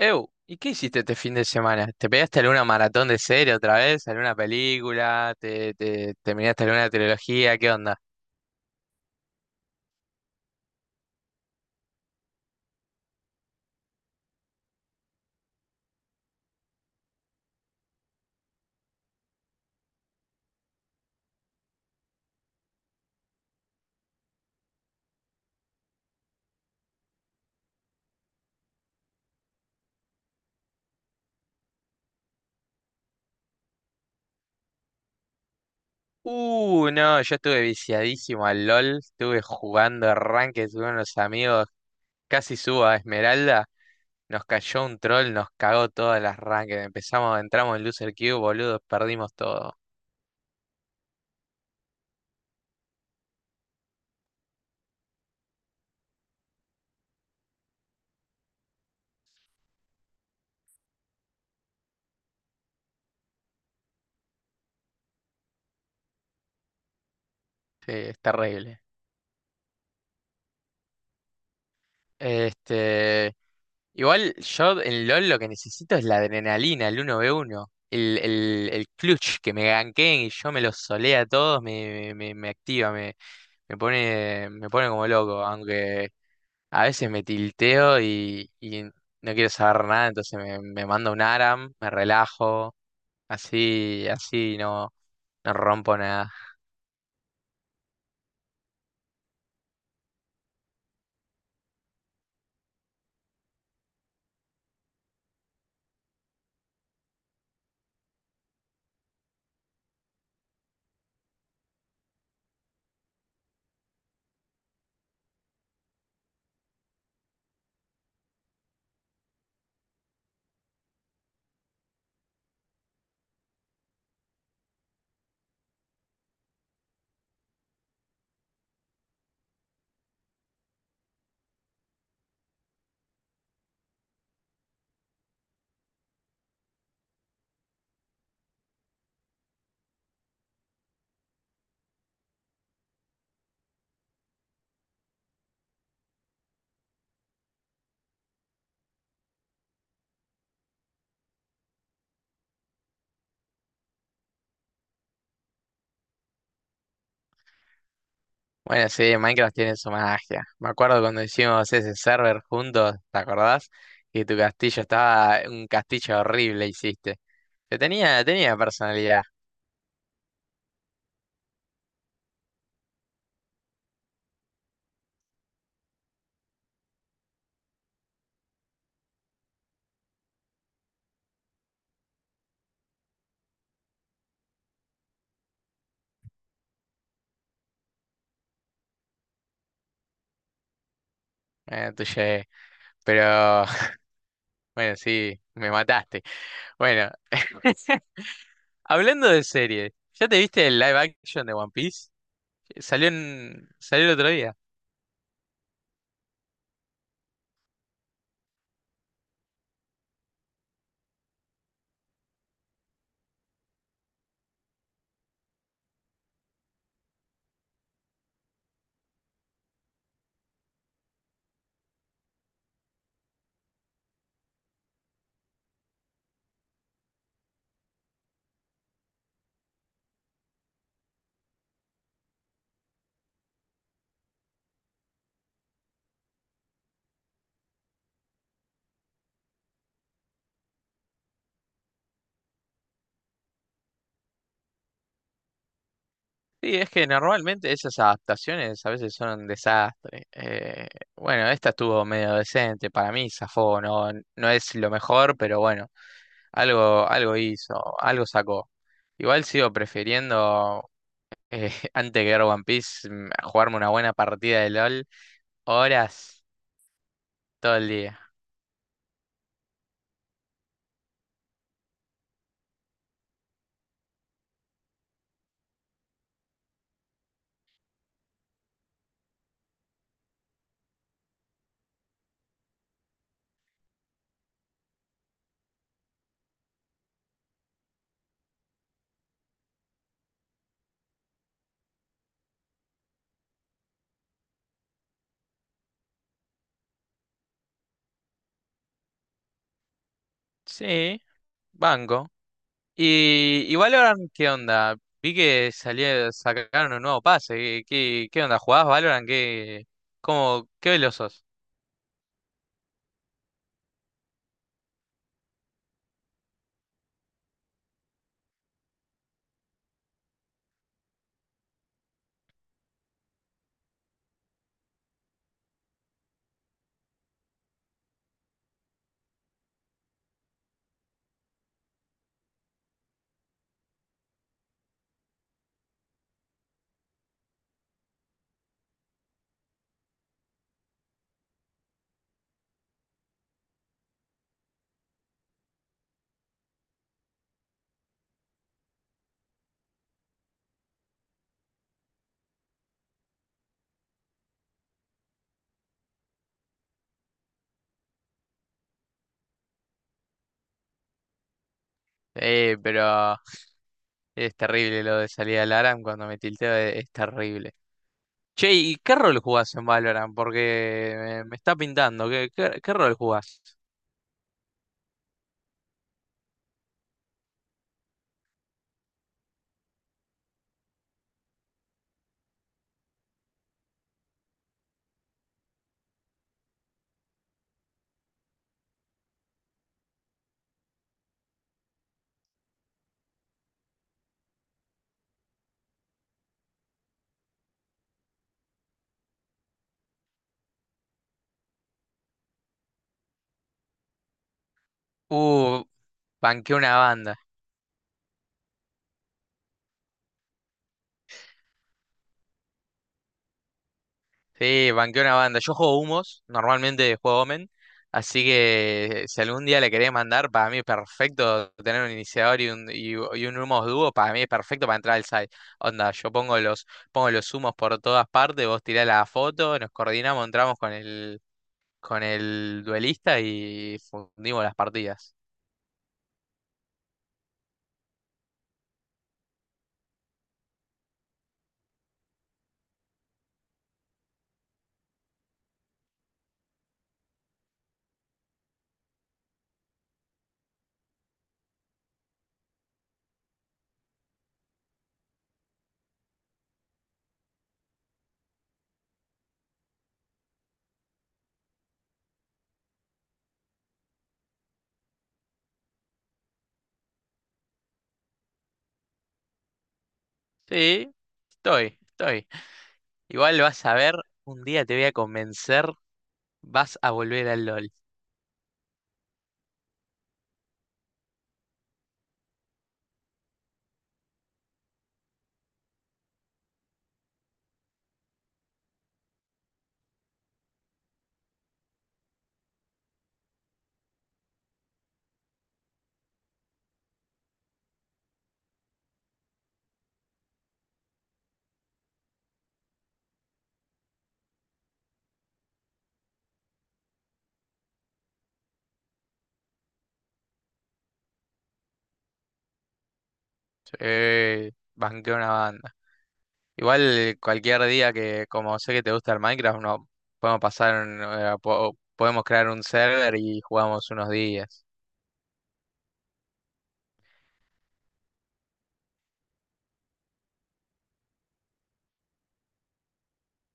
¿Y qué hiciste este fin de semana? ¿Te pegaste alguna maratón de serie otra vez? ¿Alguna película? ¿Te terminaste alguna trilogía? ¿Qué onda? No, yo estuve viciadísimo al LOL, estuve jugando arranque, estuve con los amigos, casi subo a Esmeralda, nos cayó un troll, nos cagó todas las ranked, empezamos, entramos en Loser Queue, boludo, perdimos todo. Sí, es terrible. Este, Igual yo en LOL lo que necesito es la adrenalina, el uno v uno el clutch, que me ganqueen y yo me los solea a todos, me activa, me pone como loco, aunque a veces me tilteo y, no quiero saber nada, entonces me mando un ARAM, me relajo, así, así no, no rompo nada. Bueno, sí, Minecraft tiene su magia. Me acuerdo cuando hicimos ese server juntos, ¿te acordás? Y tu castillo estaba, un castillo horrible hiciste. Que tenía personalidad, tuyo, pero bueno, sí, me mataste. Bueno, hablando de series, ¿ya te viste el live action de One Piece? Salió el otro día. Sí, es que normalmente esas adaptaciones a veces son un desastre. Bueno, esta estuvo medio decente, para mí zafó, no, no es lo mejor, pero bueno, algo, algo hizo, algo sacó. Igual sigo prefiriendo, antes que ver One Piece, a jugarme una buena partida de LOL, horas, todo el día. Sí, banco. Y Valorant, ¿qué onda? Vi que salió, sacaron un nuevo pase, ¿qué onda? ¿Jugás Valorant? ¿Qué veloz sos? Pero es terrible lo de salir al ARAM cuando me tilteo, es, terrible. Che, ¿y qué rol jugás en Valorant? Porque me está pintando, ¿qué rol jugás? Uh, Banqué una banda. Sí, banqué una banda. Yo juego humos, normalmente juego Omen, así que si algún día le querés mandar, para mí es perfecto tener un iniciador y un humos dúo, para mí es perfecto para entrar al site. Onda, yo pongo los humos por todas partes, vos tirás la foto, nos coordinamos, entramos con el duelista y fundimos las partidas. Sí, estoy, estoy. Igual vas a ver, un día te voy a convencer, vas a volver al LOL. Sí, banqué una banda. Igual cualquier día que, como sé que te gusta el Minecraft, no podemos pasar, podemos crear un server y jugamos unos días.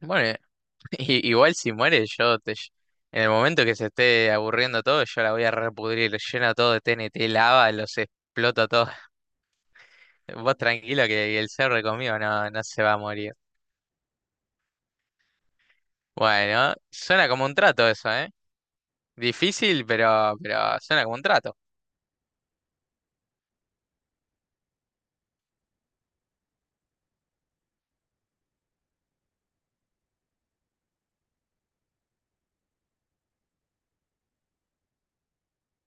Bueno, igual si muere yo te... En el momento que se esté aburriendo todo, yo la voy a repudrir, lleno todo de TNT, lava, los exploto a todos. Vos tranquilo que el cerro conmigo no, no se va a morir. Bueno, suena como un trato eso, ¿eh? Difícil, pero, suena como un trato.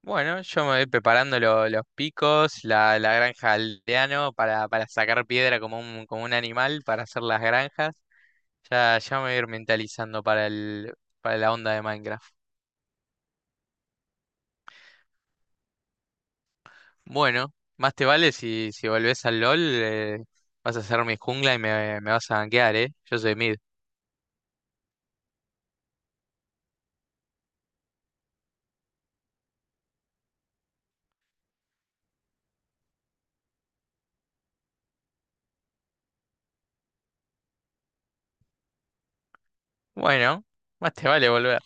Bueno, yo me voy preparando los picos, la granja aldeano para sacar piedra como un, animal para hacer las granjas. Ya, ya me voy a ir mentalizando para la onda de Minecraft. Bueno, más te vale si volvés al LOL, vas a hacer mi jungla y me vas a banquear, ¿eh? Yo soy mid. Bueno, más te vale volver.